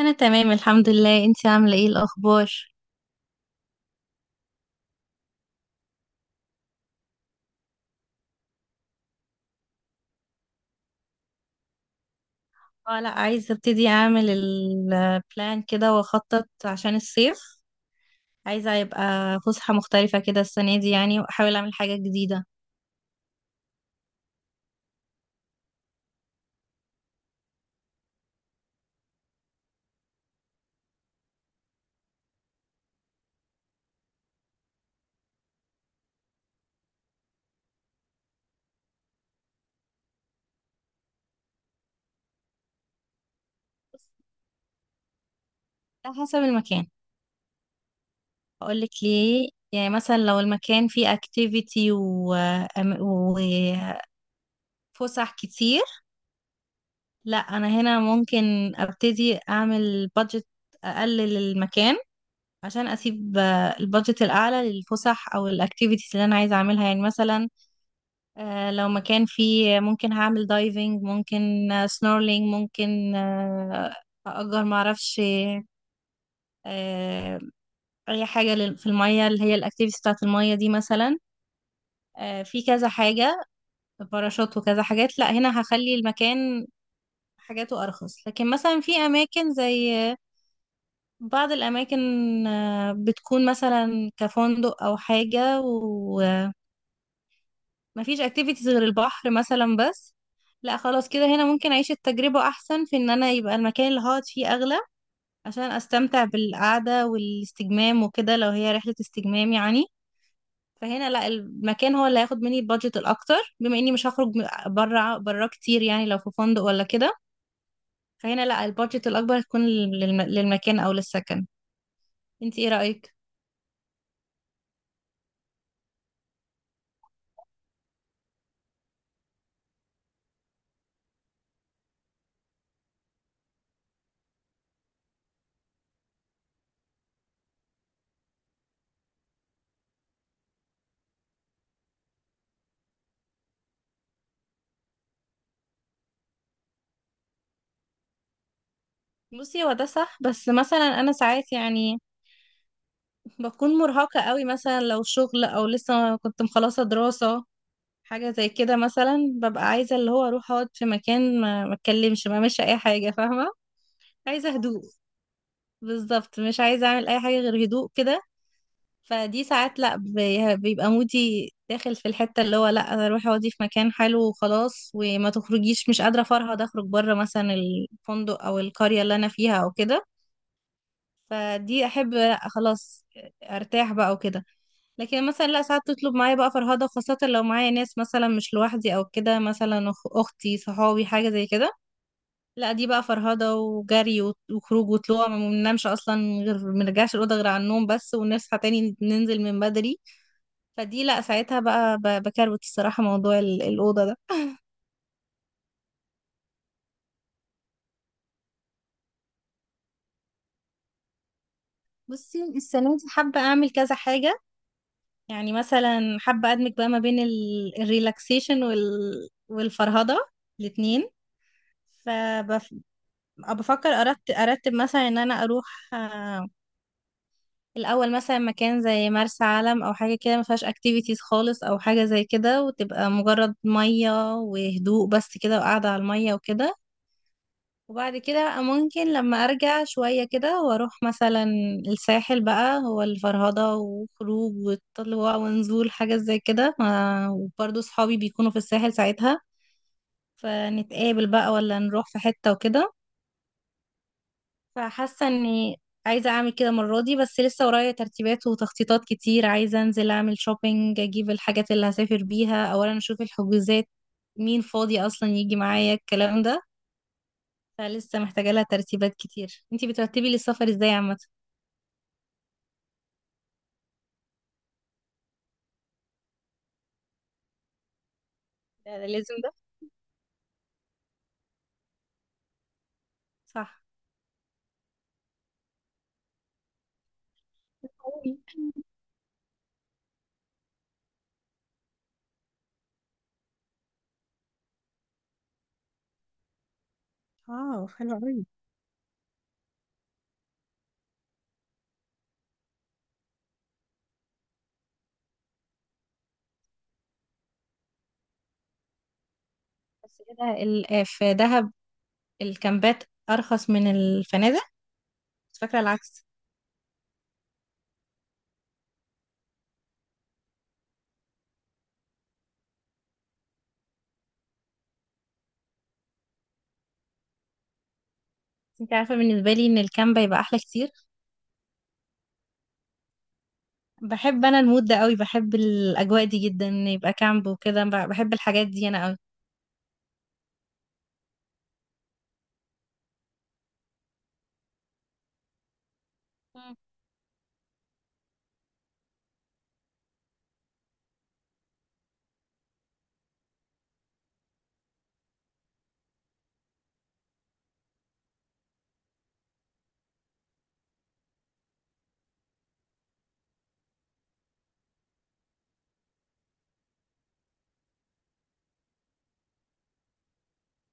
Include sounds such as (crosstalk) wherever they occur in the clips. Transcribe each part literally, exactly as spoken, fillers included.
انا تمام الحمد لله. انتي عامله ايه الاخبار؟ اه، لا عايزه ابتدي اعمل البلان كده واخطط عشان الصيف. عايزه يبقى فسحه مختلفه كده السنه دي، يعني واحاول اعمل حاجه جديده. على حسب المكان. اقول لك ليه، يعني مثلا لو المكان فيه اكتيفيتي و... أم- وفسح كتير، لا انا هنا ممكن ابتدي اعمل بادجت، اقلل المكان عشان اسيب آه، البادجت الاعلى للفسح او الاكتيفيتيز اللي انا عايزه اعملها. يعني مثلا آه، لو مكان فيه، ممكن هعمل دايفنج، ممكن آه، سنورلينج، ممكن آه، أأجر، معرفش، آه، أي حاجة لل- في المية، اللي هي الأكتيفيتي بتاعة المية دي مثلا. آه، في كذا حاجة، باراشوت وكذا حاجات. لا هنا هخلي المكان حاجاته أرخص. لكن مثلا في أماكن زي آه، بعض الأماكن، آه، بتكون مثلا كفندق أو حاجة، مفيش اكتيفيتيز غير البحر مثلا بس، لا خلاص كده هنا ممكن اعيش التجربة احسن في ان انا يبقى المكان اللي هقعد فيه اغلى، عشان استمتع بالقعدة والاستجمام وكده، لو هي رحلة استجمام يعني. فهنا لا المكان هو اللي هياخد مني البادجت الاكتر، بما اني مش هخرج بره بره كتير، يعني لو في فندق ولا كده. فهنا لا البادجت الاكبر هتكون للم- للمكان او للسكن. انت ايه رأيك؟ بصي هو ده صح، بس مثلا انا ساعات يعني بكون مرهقة قوي، مثلا لو شغل او لسه كنت مخلصة دراسة حاجة زي كده، مثلا ببقى عايزة اللي هو اروح اقعد في مكان، ما ما اتكلمش، ما اعملش اي حاجة. فاهمة؟ عايزة هدوء. بالظبط مش عايزة اعمل اي حاجة غير هدوء كده. فدي ساعات لا بي- بيبقى مودي داخل في الحتة اللي هو لا انا اروح اقعدي في مكان حلو وخلاص، وما تخرجيش، مش قادرة افرهد اخرج بره مثلا الفندق او القرية اللي انا فيها او كده. فدي احب خلاص ارتاح بقى وكده. لكن مثلا لا ساعات تطلب معايا بقى فرهضة، خاصة لو معايا ناس مثلا، مش لوحدي او كده، مثلا أخ- اختي، صحابي، حاجة زي كده. لا دي بقى فرهضة وجري وت- وخروج وطلوع، ما بننامش اصلا، غير ما نرجعش الأوضة غير على النوم بس، ونصحى تاني ننزل من بدري. فدي لا ساعتها بقى ب- بكروت الصراحة موضوع ال- الأوضة ده. بصي السنة دي حابة أعمل كذا حاجة، يعني مثلا حابة أدمج بقى ما بين ال- الريلاكسيشن وال... والفرهدة الاتنين. فبفكر أرتب أرتب مثلا إن أنا أروح آه، الأول مثلا مكان زي مرسى علم أو حاجة كده، ما فيهاش أكتيفيتيز خالص أو حاجة زي كده، وتبقى مجرد مية وهدوء بس كده، وقاعدة على المية وكده. وبعد كده ممكن لما ارجع شوية كده واروح مثلا الساحل بقى، هو الفرهدة وخروج وطلوع ونزول، حاجة زي كده. ما- وبرضه صحابي بيكونوا في الساحل ساعتها، فنتقابل بقى ولا نروح في حتة وكده. فحاسة اني عايزة اعمل كده المرة دي. بس لسه ورايا ترتيبات وتخطيطات كتير، عايزة انزل اعمل شوبينج، اجيب الحاجات اللي هسافر بيها، اولا اشوف الحجوزات، مين فاضي اصلا يجي معايا، الكلام ده. فلسه محتاجة لها ترتيبات كتير. انتي بترتبي لي السفر ازاي عامة؟ ده ده لازم ده. صح. أوي. اه، حلو قوي. بس كده ال- آه، في دهب الكامبات ارخص من الفنادق. كنت فاكرة العكس. بس انتي عارفة، بالنسبة لي ان الكامب يبقى احلى كتير. بحب انا المود ده قوي، بحب الاجواء دي جدا، إن يبقى كامب وكده، ب- بحب الحاجات دي انا قوي. مم.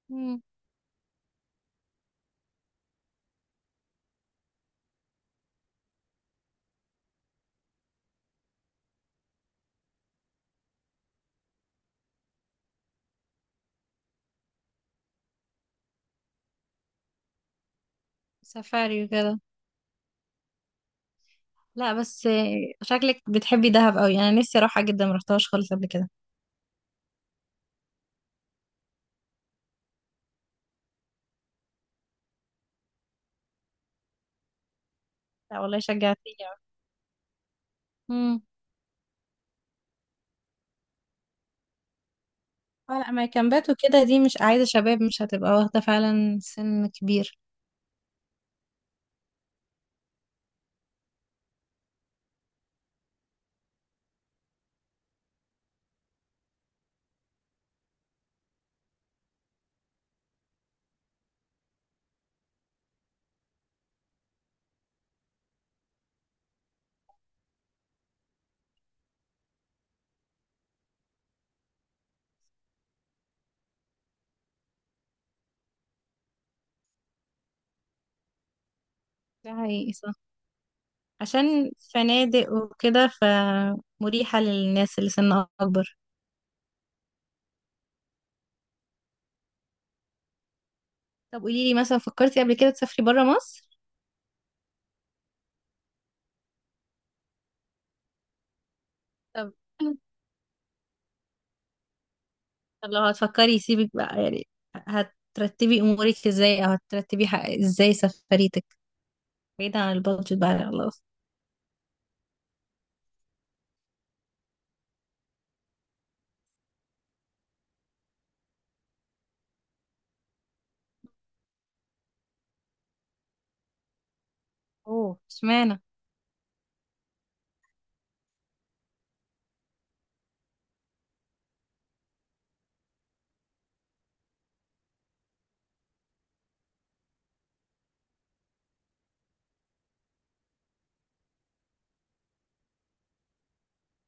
مم. سفاري وكده. لا بس آه، شكلك بتحبي دهب قوي، انا نفسي اروحها جدا، ما رحتهاش خالص قبل كده. لا والله شجعتيني قوي. اه لا، ما كامبات وكده دي مش عايزة شباب، مش هتبقى واخدة فعلا سن كبير. ده حقيقي، صح، عشان فنادق وكده فمريحة للناس اللي سن أكبر. طب قوليلي مثلا، فكرتي قبل كده تسافري برا مصر؟ طب. (clears throat) طب لو هتفكري، سيبك بقى يعني، هترتبي أمورك ازاي، أو هترتبي ح- ازاي سفريتك، بعيدا عن البادجت بقى خلاص؟ اوه، اشمعنى؟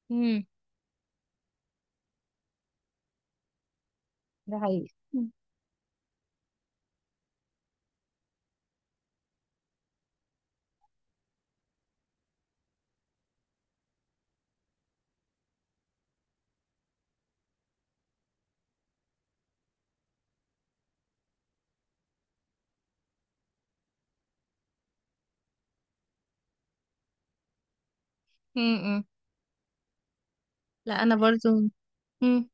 مم. ده حقيقي. مم. مم. لا أنا برضو. مم.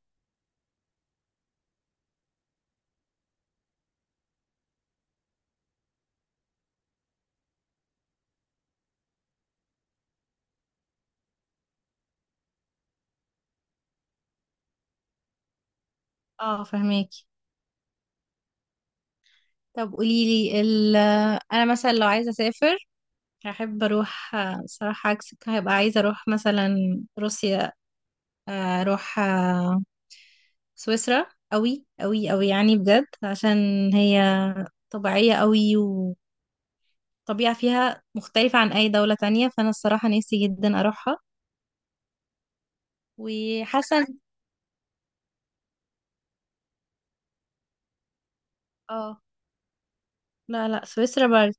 اه فهماكي. طب قوليلي ال، انا مثلا لو عايزه اسافر، هحب اروح آه، صراحه عكسك، هبقى عايزه اروح مثلا روسيا، آه، اروح آه، سويسرا، قوي قوي قوي يعني بجد، عشان هي طبيعيه قوي، وطبيعه فيها مختلفه عن اي دوله تانية، فانا الصراحه نفسي جدا اروحها. وحاسه إن- اه، لا لا، سويسرا برد.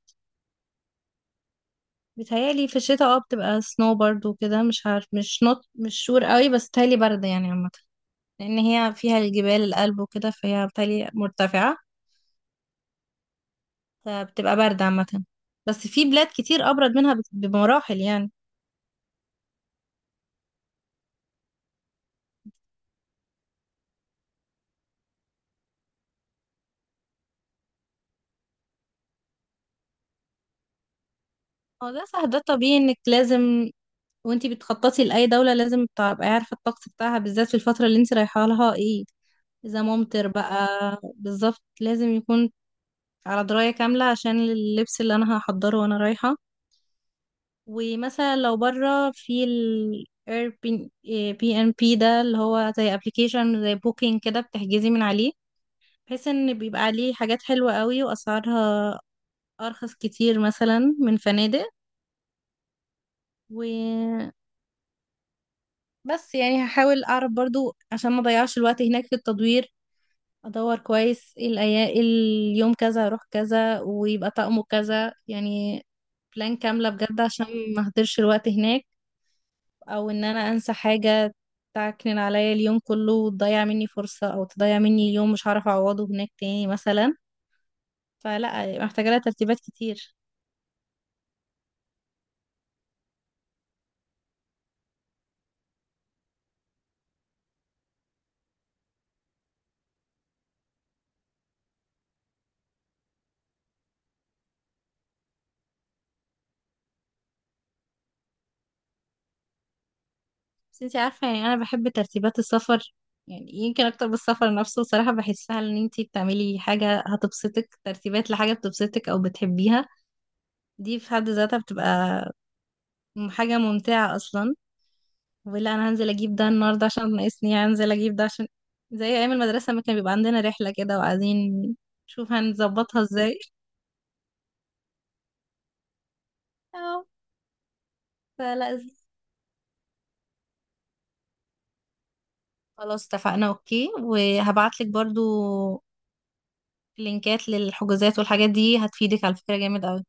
بتهيألي في الشتاء اه بتبقى سنو، برد وكده، مش عارف، مش نوت، مش شور قوي، بس بتهيألي برد يعني عامة، لأن هي فيها الجبال الألب وكده، فهي بالتالي مرتفعة، فبتبقى باردة عامة. بس في بلاد كتير أبرد منها بت- بمراحل يعني. هو ده صح، ده طبيعي إنك لازم، وانتي بتخططي لأي دولة، لازم تبقي عارفة الطقس بتاعها، بالذات في الفترة اللي انتي رايحة لها، ايه إذا ممطر بقى. بالظبط لازم يكون على دراية كاملة، عشان اللبس اللي أنا هحضره وأنا رايحة. ومثلا لو بره، في ال Airbnb- بي ان بي ده، اللي هو زي ابلكيشن زي بوكينج كده، بتحجزي من عليه، بحيث ان بيبقى عليه حاجات حلوة قوي واسعارها ارخص كتير مثلا من فنادق وبس. يعني هحاول اعرف برضو عشان ما اضيعش الوقت هناك في التدوير، ادور كويس ايه الايام، اليوم كذا اروح كذا ويبقى طقمه كذا، يعني بلان كاملة بجد عشان ما اهدرش الوقت هناك، او ان انا انسى حاجة تعكنن عليا اليوم كله، وتضيع مني فرصة، او تضيع مني اليوم، مش هعرف اعوضه هناك تاني مثلا. فلا محتاجة لها ترتيبات كتير. بس انتي عارفة يعني، انا بحب ترتيبات السفر يعني، يمكن اكتر بالسفر نفسه صراحة. بحسها ان انتي بتعملي حاجة هتبسطك، ترتيبات لحاجة بتبسطك او بتحبيها، دي في حد ذاتها بتبقى م- حاجة ممتعة اصلا. ولا انا هنزل اجيب ده النهاردة عشان ناقصني، يعني هنزل اجيب ده عشان، زي ايام المدرسة ما كان بيبقى عندنا رحلة كده وعايزين نشوف هنظبطها ازاي. (laughs) اه. فلا، خلاص اتفقنا اوكي. وهبعتلك برضو لينكات للحجوزات، والحاجات دي هتفيدك على فكرة جامد اوي.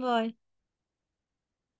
باي.